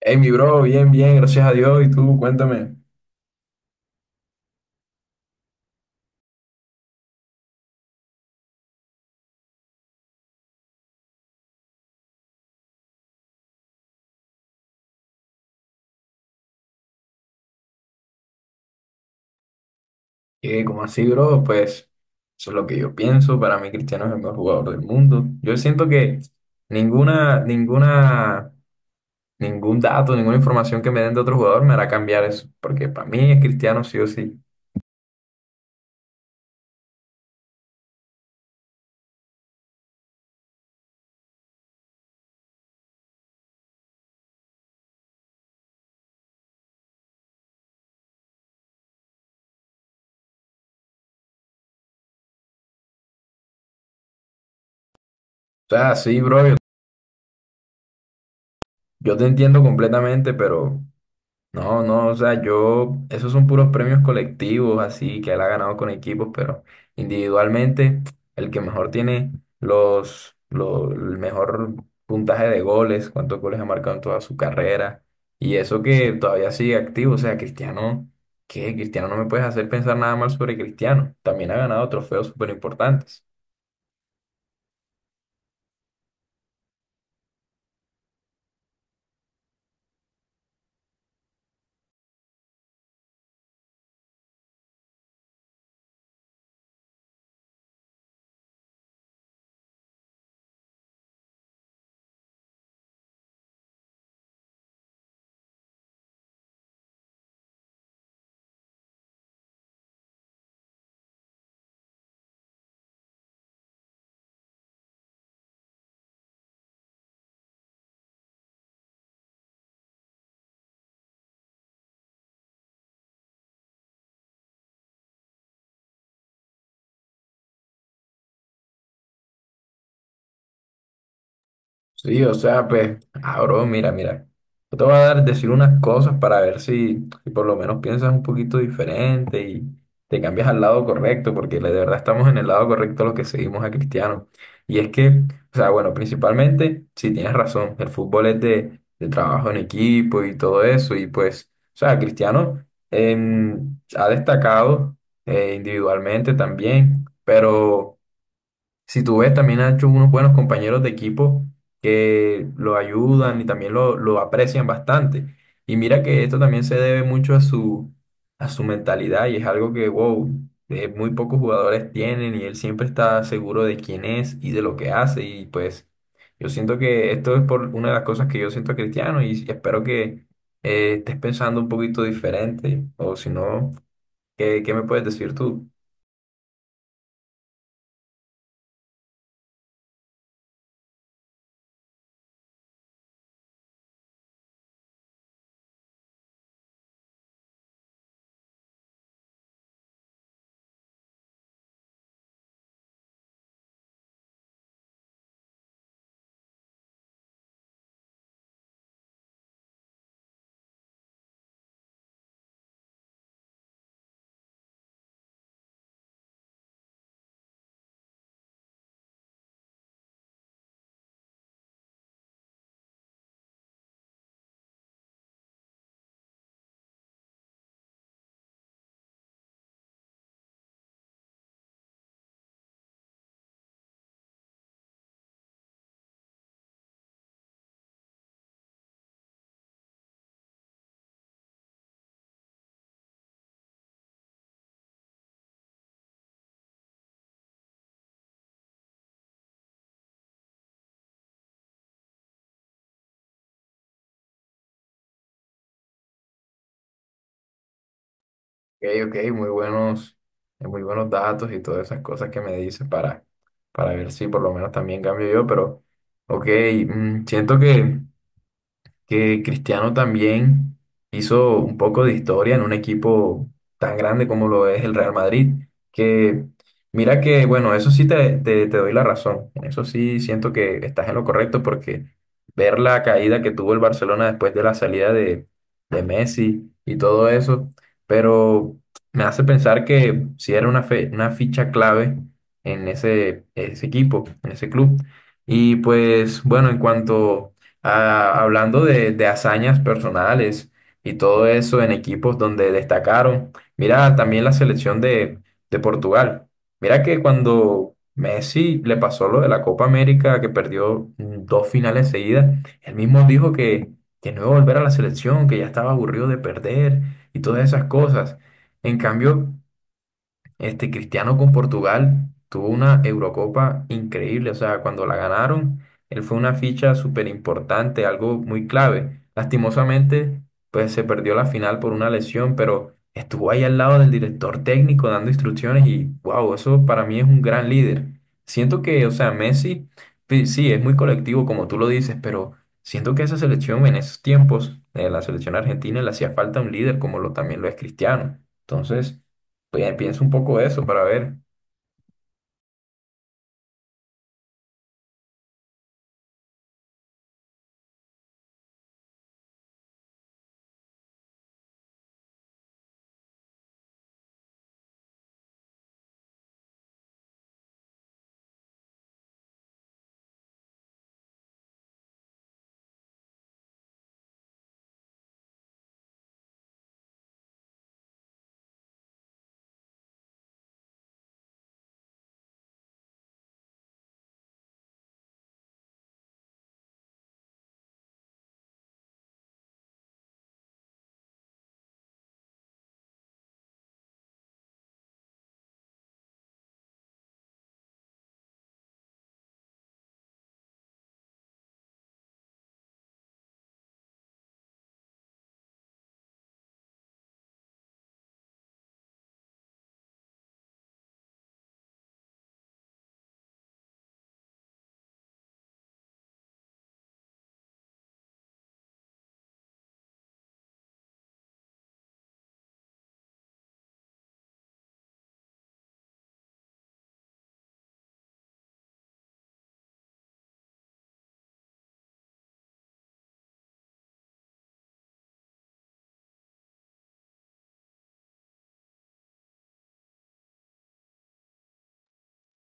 Hey, mi bro, bien, bien, gracias a Dios. Y tú, cuéntame, ¿qué, cómo así, bro? Pues eso es lo que yo pienso. Para mí, Cristiano es el mejor jugador del mundo. Yo siento que ninguna, ninguna, ningún dato, ninguna información que me den de otro jugador me hará cambiar eso. Porque para mí es Cristiano sí o sí. O sea, sí, bro, yo te entiendo completamente, pero no, no, o sea, yo, esos son puros premios colectivos, así que él ha ganado con equipos, pero individualmente, el que mejor tiene el mejor puntaje de goles, cuántos goles ha marcado en toda su carrera, y eso que todavía sigue activo, o sea, Cristiano, ¿qué? Cristiano no me puedes hacer pensar nada mal sobre Cristiano, también ha ganado trofeos súper importantes. Sí, o sea, pues, ah, bro, mira. Yo te voy a decir unas cosas para ver si por lo menos piensas un poquito diferente y te cambias al lado correcto, porque de verdad estamos en el lado correcto los que seguimos a Cristiano. Y es que, o sea, bueno, principalmente, si tienes razón, el fútbol es de trabajo en equipo y todo eso, y pues, o sea, Cristiano ha destacado individualmente también, pero si tú ves, también ha hecho unos buenos compañeros de equipo que lo ayudan y también lo aprecian bastante. Y mira que esto también se debe mucho a a su mentalidad y es algo que, wow, muy pocos jugadores tienen y él siempre está seguro de quién es y de lo que hace. Y pues yo siento que esto es por una de las cosas que yo siento a Cristiano y espero que estés pensando un poquito diferente o si no, ¿ qué me puedes decir tú? Ok, ok, muy buenos datos y todas esas cosas que me dices para ver si por lo menos también cambio yo, pero ok, mm, siento que Cristiano también hizo un poco de historia en un equipo tan grande como lo es el Real Madrid, que mira que, bueno, eso sí te doy la razón, en eso sí siento que estás en lo correcto porque ver la caída que tuvo el Barcelona después de de Messi y todo eso, pero me hace pensar que sí era una, una ficha clave en ese equipo, en ese club. Y pues bueno, en cuanto ah, hablando de hazañas personales y todo eso en equipos donde destacaron, mira también la selección de Portugal. Mira que cuando Messi le pasó lo de la Copa América, que perdió dos finales seguidas, él mismo dijo que no iba a volver a la selección, que ya estaba aburrido de perder y todas esas cosas. En cambio, este Cristiano con Portugal tuvo una Eurocopa increíble, o sea, cuando la ganaron, él fue una ficha súper importante, algo muy clave. Lastimosamente, pues se perdió la final por una lesión, pero estuvo ahí al lado del director técnico dando instrucciones y wow, eso para mí es un gran líder. Siento que, o sea, Messi, sí, es muy colectivo como tú lo dices, pero siento que esa selección en esos tiempos, la selección argentina, le hacía falta un líder como lo también lo es Cristiano. Entonces pues, pienso un poco de eso para ver.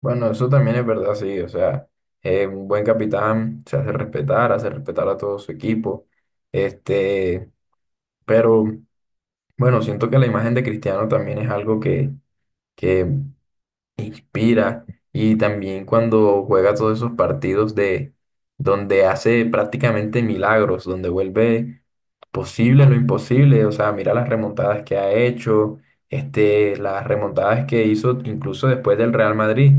Bueno, eso también es verdad, sí. O sea, un buen capitán se hace respetar a todo su equipo. Este, pero bueno, siento que la imagen de Cristiano también es algo que inspira y también cuando juega todos esos partidos de donde hace prácticamente milagros, donde vuelve posible lo imposible, o sea, mira las remontadas que ha hecho, este, las remontadas que hizo incluso después del Real Madrid.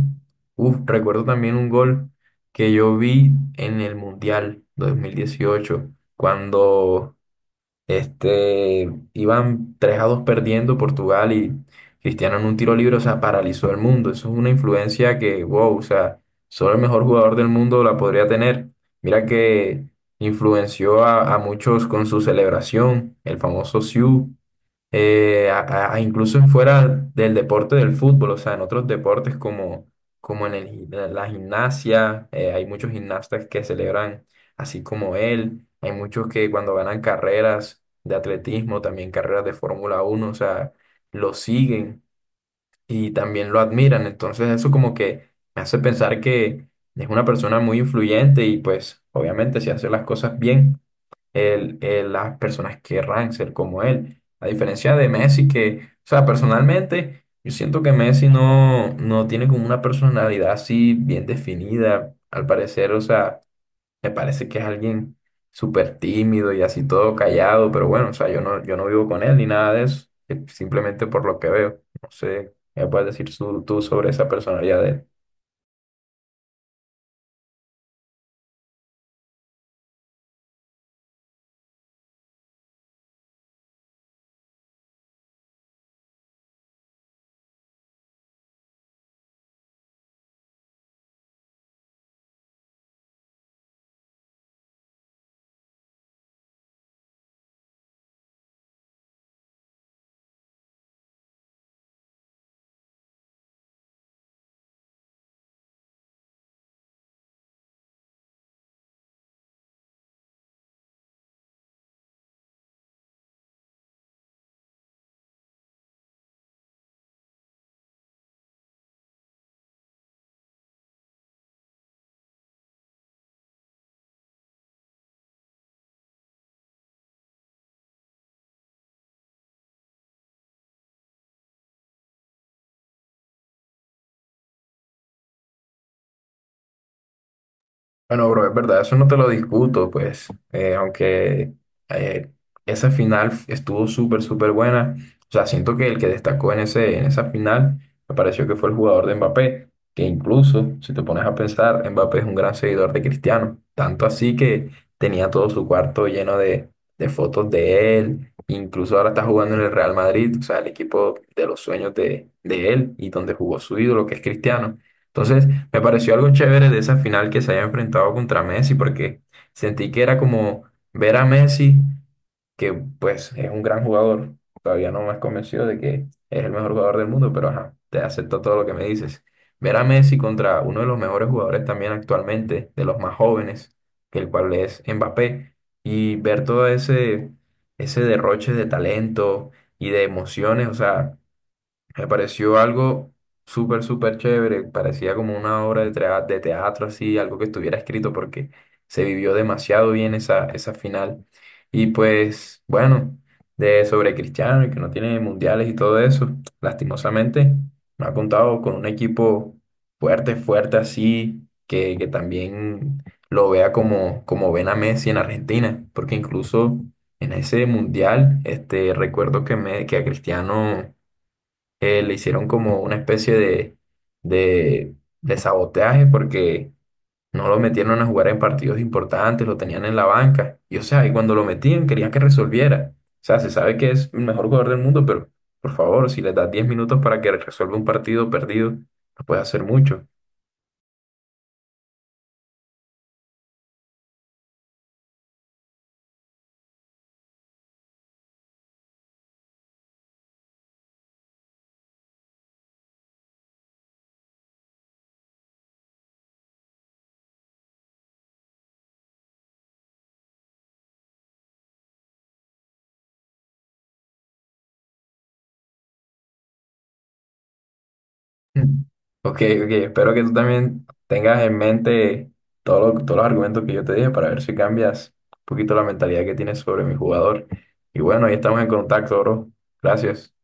Uf, recuerdo también un gol que yo vi en el Mundial 2018 cuando este, iban 3-2 perdiendo Portugal y Cristiano en un tiro libre, o sea, paralizó el mundo. Eso es una influencia que, wow, o sea, solo el mejor jugador del mundo la podría tener. Mira que influenció a muchos con su celebración, el famoso Siu, incluso en fuera del deporte del fútbol, o sea, en otros deportes como, como en la gimnasia, hay muchos gimnastas que celebran así como él, hay muchos que cuando ganan carreras de atletismo, también carreras de Fórmula 1, o sea, lo siguen y también lo admiran, entonces eso como que me hace pensar que es una persona muy influyente y pues obviamente si hace las cosas bien las personas querrán ser como él. A diferencia de Messi, que, o sea, personalmente, yo siento que Messi no tiene como una personalidad así bien definida, al parecer, o sea, me parece que es alguien súper tímido y así todo callado, pero bueno, o sea, yo no vivo con él ni nada de eso, simplemente por lo que veo. No sé, ¿qué me puedes decir tú sobre esa personalidad de él? Bueno, bro, es verdad, eso no te lo discuto, pues, aunque eh, esa final estuvo súper, súper buena. O sea, siento que el que destacó en en esa final me pareció que fue el jugador de Mbappé, que incluso, si te pones a pensar, Mbappé es un gran seguidor de Cristiano, tanto así que tenía todo su cuarto lleno de fotos de él, incluso ahora está jugando en el Real Madrid, o sea, el equipo de los sueños de él y donde jugó su ídolo, que es Cristiano. Entonces, me pareció algo chévere de esa final que se haya enfrentado contra Messi, porque sentí que era como ver a Messi, que pues es un gran jugador. Todavía no me has convencido de que es el mejor jugador del mundo, pero ajá, te acepto todo lo que me dices. Ver a Messi contra uno de los mejores jugadores también actualmente, de los más jóvenes, que el cual es Mbappé, y ver todo ese derroche de talento y de emociones, o sea, me pareció algo súper, súper chévere. Parecía como una obra de, de teatro así, algo que estuviera escrito porque se vivió demasiado bien esa final. Y pues, bueno, de sobre Cristiano y que no tiene mundiales y todo eso, lastimosamente, no ha contado con un equipo fuerte, fuerte así, que también lo vea como, como ven a Messi en Argentina, porque incluso en ese mundial, este, recuerdo que a Cristiano le hicieron como una especie de, de sabotaje porque no lo metieron a jugar en partidos importantes, lo tenían en la banca. Y o sea, y cuando lo metían querían que resolviera. O sea, se sabe que es el mejor jugador del mundo, pero por favor, si le das 10 minutos para que resuelva un partido perdido, no puede hacer mucho. Ok, ok, espero que tú también tengas en mente todos los argumentos que yo te dije para ver si cambias un poquito la mentalidad que tienes sobre mi jugador. Y bueno, ahí estamos en contacto, bro. Gracias.